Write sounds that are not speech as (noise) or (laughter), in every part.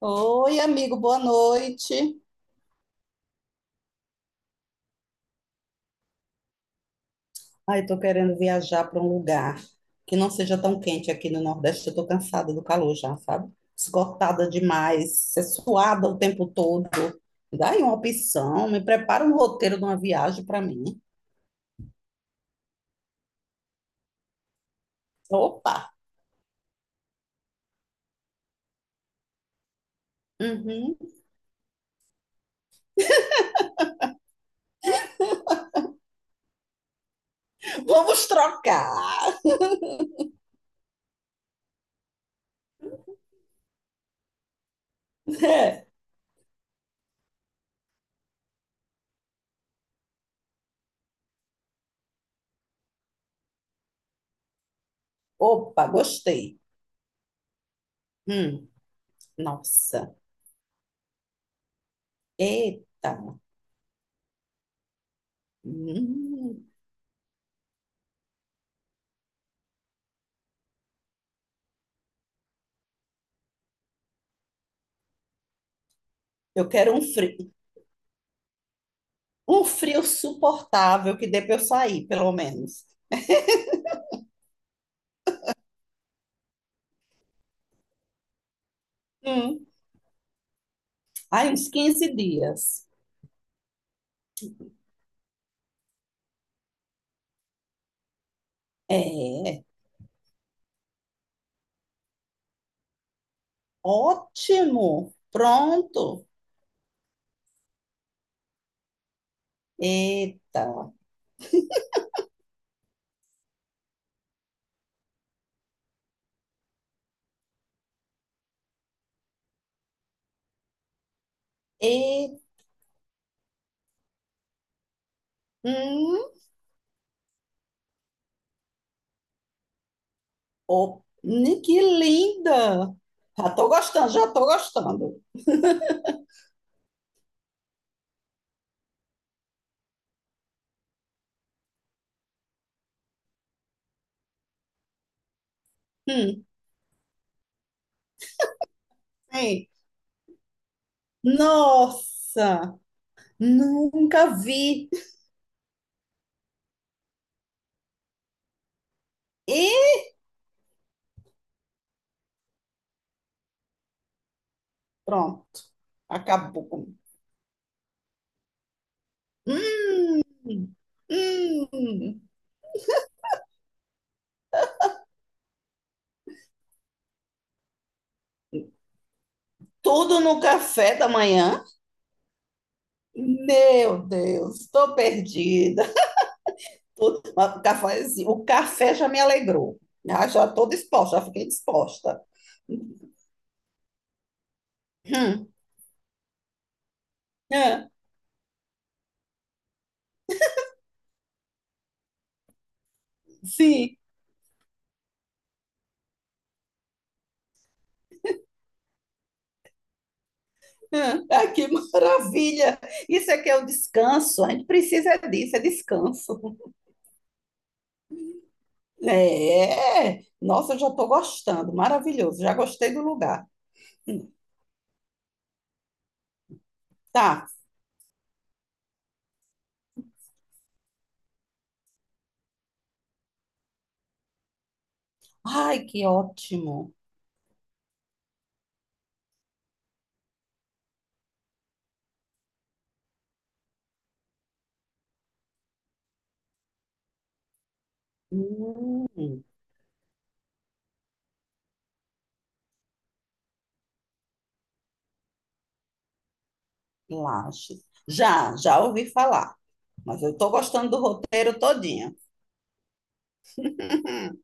Oi, amigo, boa noite. Ai, eu tô querendo viajar para um lugar que não seja tão quente aqui no Nordeste. Eu tô cansada do calor já, sabe? Esgotada demais, ser suada o tempo todo. Me dá aí uma opção, me prepara um roteiro de uma viagem para mim. Opa! Uhum. Vamos trocar! (laughs) É. Opa, gostei. Hum, nossa, eita! Hum, eu quero um frio suportável que dê para eu sair, pelo menos. Hum. Aí, uns 15 dias. É, ótimo. Pronto. Eita. E, hum, oh, que linda. Já tô gostando, já tô gostando. Hum, é. Nossa, nunca vi. E pronto. Acabou. Hum, hum. Tudo no café da manhã? Meu Deus, estou perdida. Tudo, mas o café, assim, o café já me alegrou. Ah, já estou disposta, já fiquei disposta. Hum, é, sim. É, ah, que maravilha! Isso é que é o descanso. A gente precisa disso, é descanso. É, é. Nossa, eu já estou gostando. Maravilhoso, já gostei do lugar. Hum, tá. Ai, que ótimo. Hum, Lages. Já, já ouvi falar, mas eu estou gostando do roteiro todinho. Hum,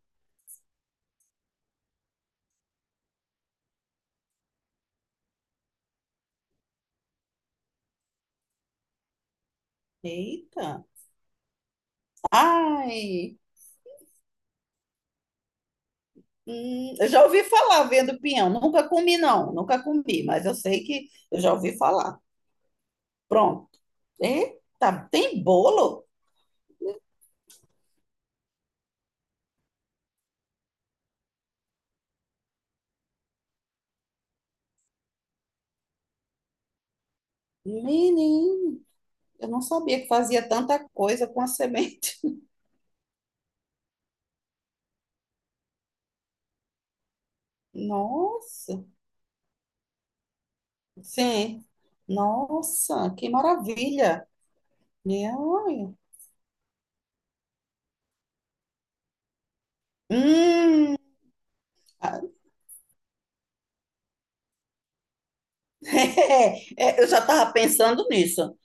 Eita. Ai, eu já ouvi falar vendo pinhão. Nunca comi, não. Nunca comi, mas eu sei que eu já ouvi falar. Pronto. Eita, tem bolo? Menino, eu não sabia que fazia tanta coisa com a semente. (laughs) Nossa, sim. Nossa, que maravilha. Minha olha. Hum, Ah, (laughs) É, é, eu já estava pensando nisso.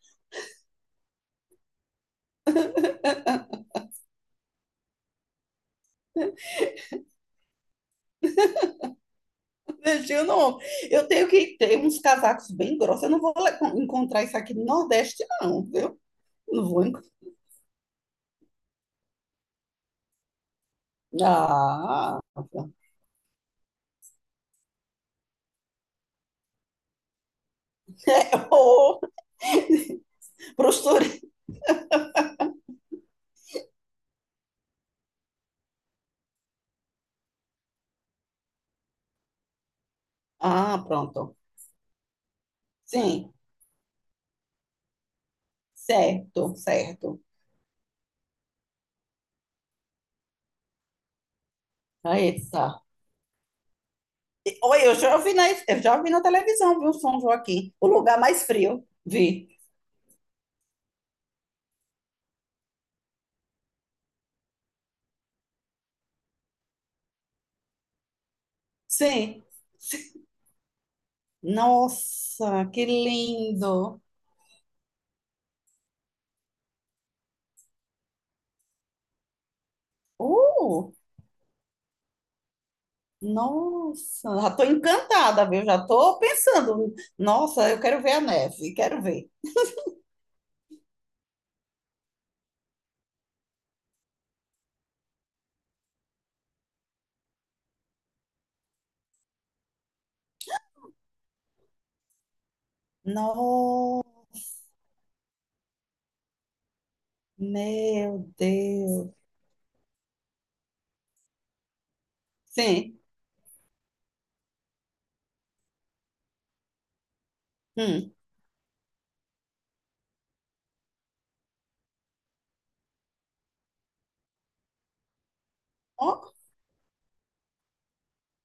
Deixa eu não. Eu tenho que ter uns casacos bem grossos. Eu não vou encontrar isso aqui no Nordeste, não, viu? Vou. Ah, (laughs) ô, postura. Ah, pronto. Sim, certo, certo. Aí tá. Oi, eu já vi na televisão, viu, São Joaquim? O lugar mais frio, vi. Sim. Nossa, que lindo. Uh, nossa, já tô encantada, viu? Já tô pensando. Nossa, eu quero ver a neve, quero ver. No, meu Deus. Sim. Hum.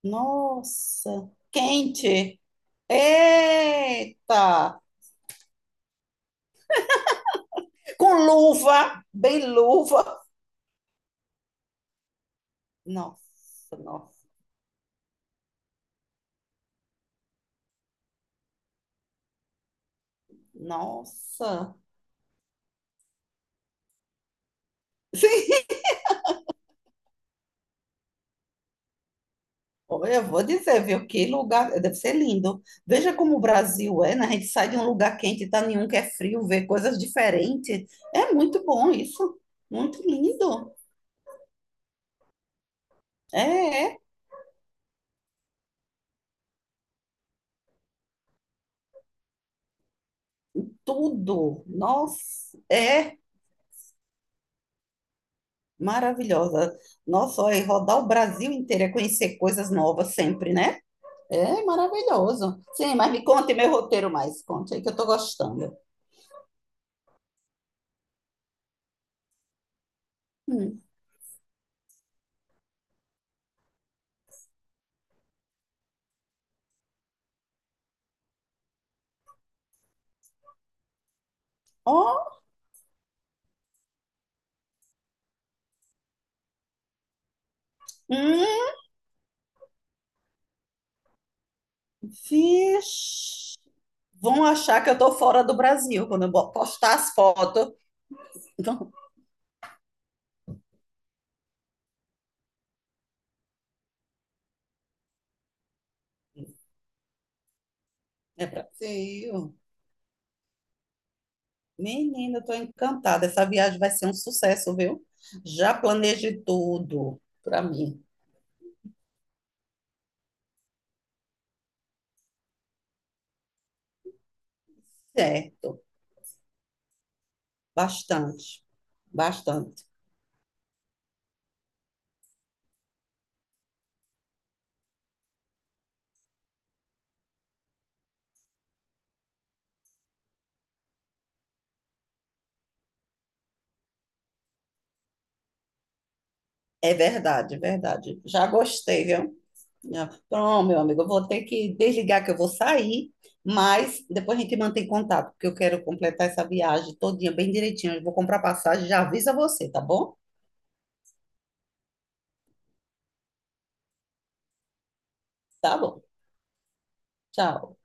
Nossa, quente. Eita! Com luva, bem luva. Nossa, nossa, nossa. Sim, olha, eu vou dizer, viu, que lugar, deve ser lindo. Veja como o Brasil é, né? A gente sai de um lugar quente e tá em um que é frio, vê coisas diferentes. É muito bom isso. Muito lindo. É, é tudo. Nossa, é maravilhosa. Nossa, olha, e rodar o Brasil inteiro é conhecer coisas novas sempre, né? É maravilhoso. Sim, mas me conte meu roteiro mais. Conte aí que eu tô gostando. Hum. Ó, hum, vixe. Vão achar que eu tô fora do Brasil quando eu postar as fotos. Não, é Brasil. Menina, eu tô encantada. Essa viagem vai ser um sucesso, viu? Já planejei tudo para mim. Certo. Bastante. Bastante. É verdade, é verdade. Já gostei, viu? Ah, pronto, meu amigo, eu vou ter que desligar que eu vou sair, mas depois a gente mantém contato, porque eu quero completar essa viagem todinha bem direitinho. Eu vou comprar passagem, já aviso a você, tá bom? Tá bom. Tchau.